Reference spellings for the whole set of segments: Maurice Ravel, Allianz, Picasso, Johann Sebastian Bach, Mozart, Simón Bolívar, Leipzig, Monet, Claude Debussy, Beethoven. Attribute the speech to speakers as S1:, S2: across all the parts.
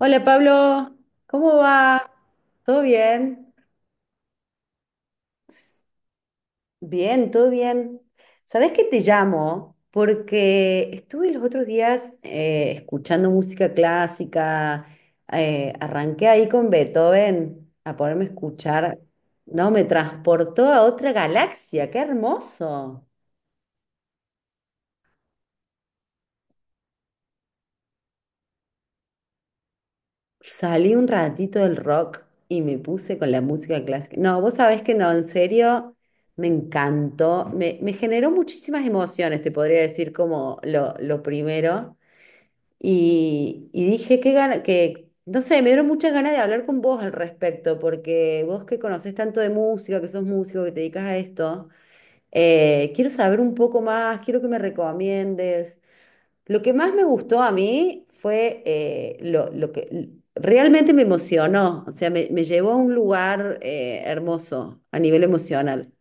S1: Hola Pablo, ¿cómo va? ¿Todo bien? Bien, todo bien. ¿Sabés que te llamo? Porque estuve los otros días escuchando música clásica, arranqué ahí con Beethoven a ponerme a escuchar. No, me transportó a otra galaxia, qué hermoso. Salí un ratito del rock y me puse con la música clásica. No, vos sabés que no, en serio, me encantó. Me generó muchísimas emociones, te podría decir como lo primero. Y dije que gana, que, no sé, me dieron muchas ganas de hablar con vos al respecto, porque vos que conocés tanto de música, que sos músico, que te dedicas a esto, quiero saber un poco más, quiero que me recomiendes. Lo que más me gustó a mí fue lo que... Realmente me emocionó, o sea, me llevó a un lugar hermoso a nivel emocional.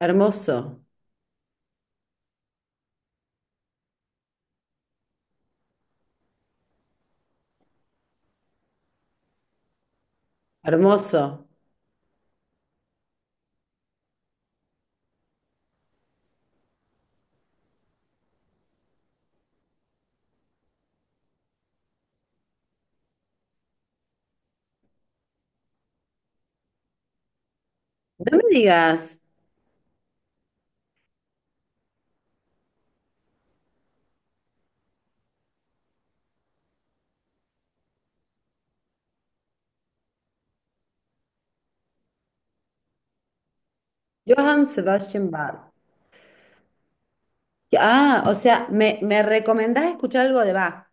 S1: Hermoso, hermoso. No me digas. Johann Sebastian Bach. Ah, o sea, me recomendás escuchar algo de Bach.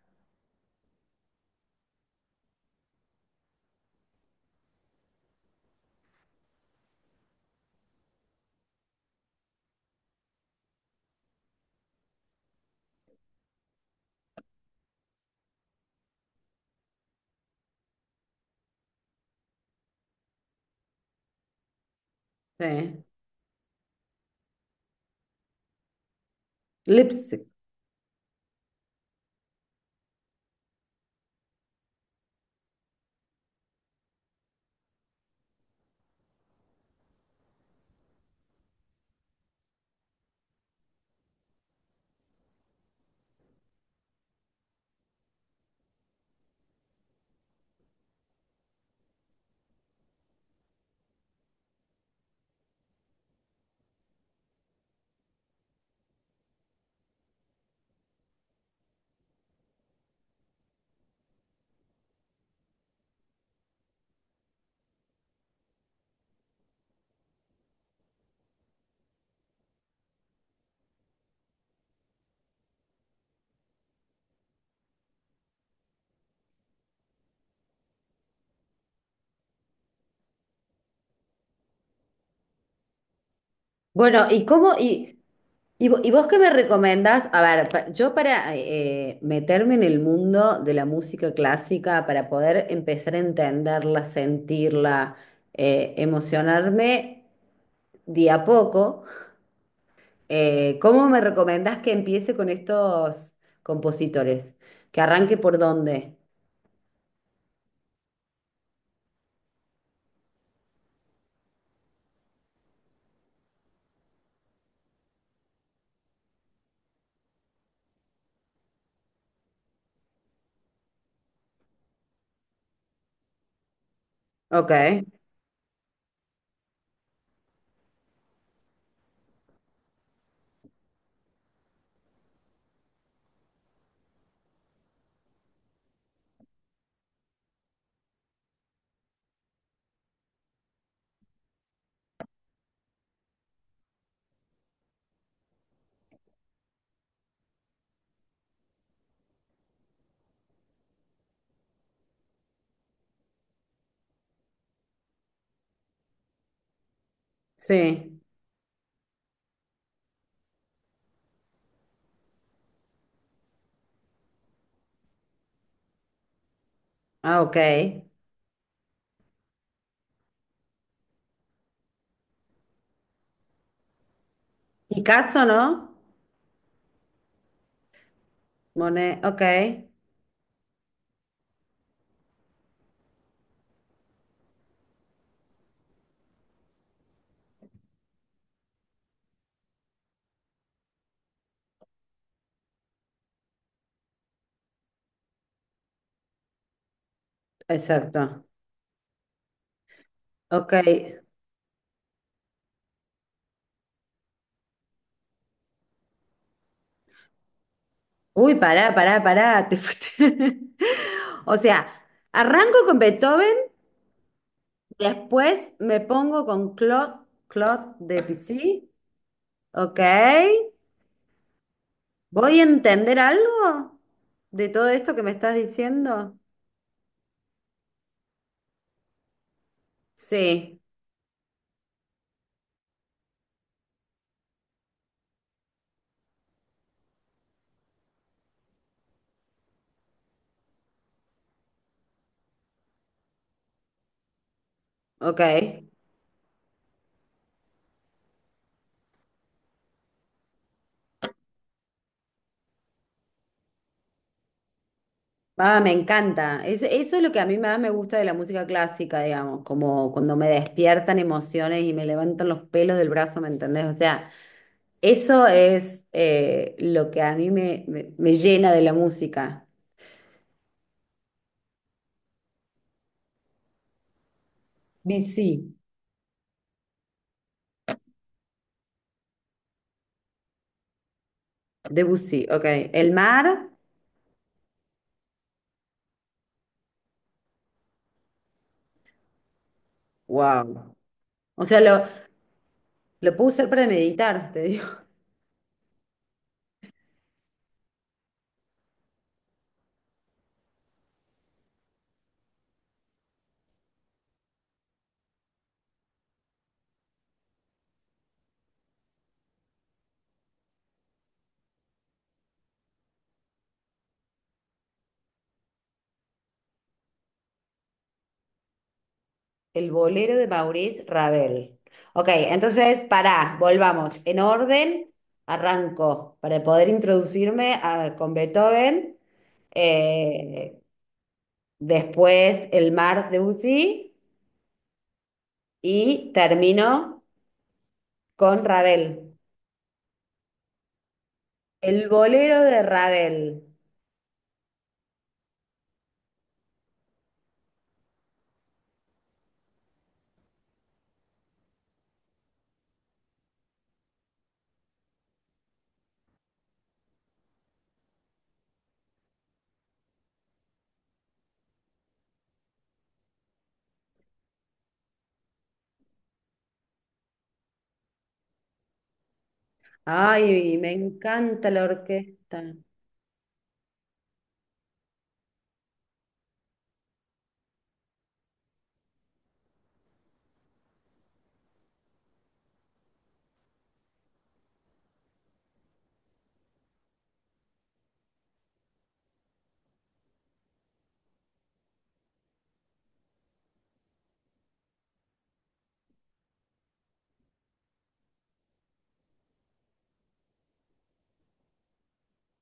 S1: Sí. Leipzig. Bueno, ¿y cómo? ¿Y vos qué me recomendás? A ver, yo para meterme en el mundo de la música clásica, para poder empezar a entenderla, sentirla, emocionarme. De a poco, ¿cómo me recomendás que empiece con estos compositores? ¿Que arranque por dónde? Ok, sí. Ah, ok. Picasso, ¿no? Monet, ok. Exacto. Ok. Uy, pará, pará, pará, te fuiste. O sea, arranco con Beethoven, después me pongo con Claude Debussy, ok. ¿Voy a entender algo de todo esto que me estás diciendo? Sí, ok. Ah, me encanta. Eso es lo que a mí más me gusta de la música clásica, digamos, como cuando me despiertan emociones y me levantan los pelos del brazo, ¿me entendés? O sea, eso es lo que a mí me llena de la música. Debussy, Debussy, ok. El mar, wow. O sea, lo puedo usar para meditar, te digo. El bolero de Maurice Ravel. Ok, entonces, pará, volvamos. En orden, arranco para poder introducirme con Beethoven. eh, Después el mar de Debussy y termino con Ravel. El bolero de Ravel. Ay, me encanta la orquesta.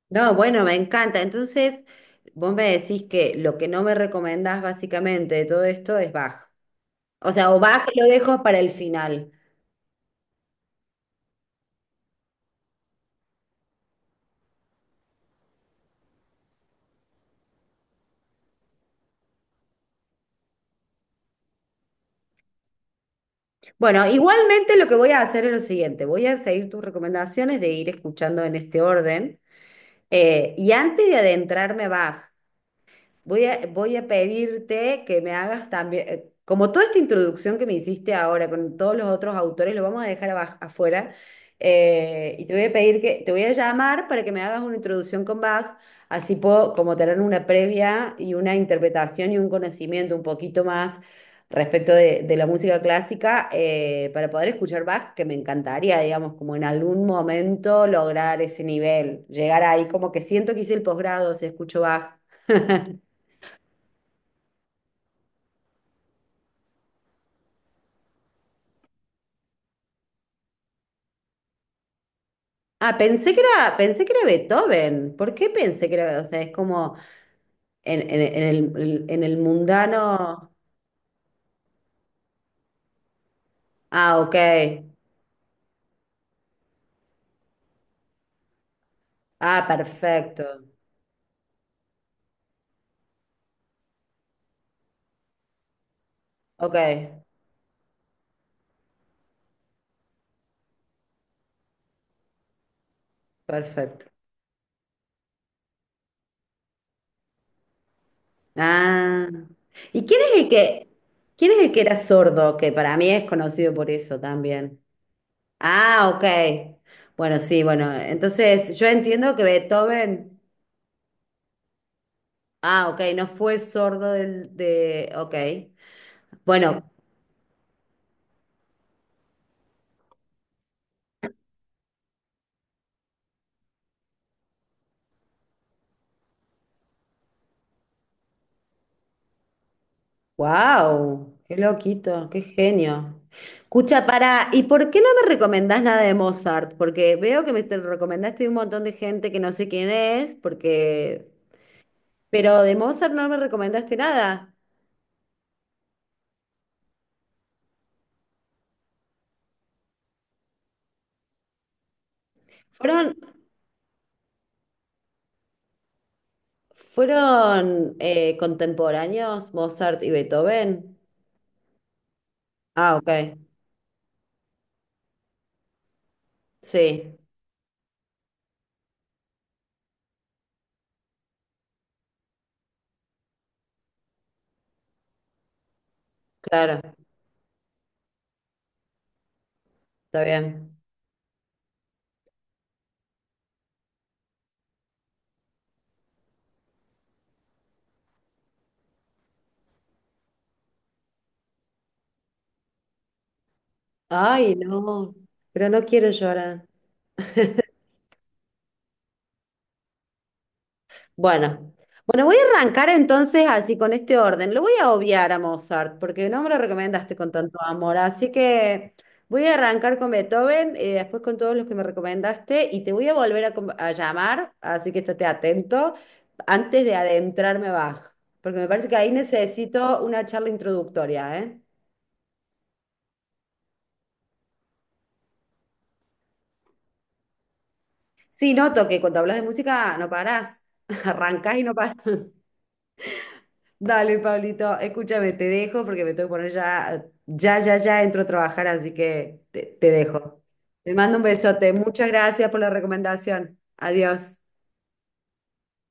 S1: No, bueno, me encanta. Entonces, vos me decís que lo que no me recomendás básicamente de todo esto es Bach. O sea, o bajo lo dejo para el final. Bueno, igualmente lo que voy a hacer es lo siguiente: voy a seguir tus recomendaciones de ir escuchando en este orden. Y antes de adentrarme a Bach, voy a pedirte que me hagas también, como toda esta introducción que me hiciste ahora con todos los otros autores, lo vamos a dejar afuera, y te voy a pedir que, te voy a llamar para que me hagas una introducción con Bach, así puedo como tener una previa y una interpretación y un conocimiento un poquito más respecto de la música clásica, para poder escuchar Bach, que me encantaría, digamos, como en algún momento lograr ese nivel, llegar ahí, como que siento que hice el posgrado si escucho Bach. Ah, pensé que era Beethoven. ¿Por qué pensé que era? O sea, es como en el mundano. Ah, ok. Ah, perfecto. Ok, perfecto. Ah. ¿Y quién es el que, quién es el que era sordo? Que para mí es conocido por eso también. Ah, ok. Bueno, sí, bueno. Entonces, yo entiendo que Beethoven. Ah, ok, no fue sordo del, de. Ok. Bueno. Wow, qué loquito, qué genio. Escucha, para, ¿y por qué no me recomendás nada de Mozart? Porque veo que me te recomendaste un montón de gente que no sé quién es, porque... pero de Mozart no me recomendaste nada. ¿Fueron, ¿fueron contemporáneos Mozart y Beethoven? Ah, ok. Sí, claro, está bien. Ay, no, pero no quiero llorar. Bueno, bueno, voy a arrancar entonces así con este orden. Lo voy a obviar a Mozart porque no me lo recomendaste con tanto amor, así que voy a arrancar con Beethoven, después con todos los que me recomendaste y te voy a volver a llamar, así que estate atento antes de adentrarme a Bach, porque me parece que ahí necesito una charla introductoria, ¿eh? Sí, noto que cuando hablas de música no parás, arrancás y no parás. Dale, Pablito, escúchame, te dejo porque me tengo que poner ya, ya entro a trabajar, así que te dejo. Te mando un besote. Muchas gracias por la recomendación. Adiós.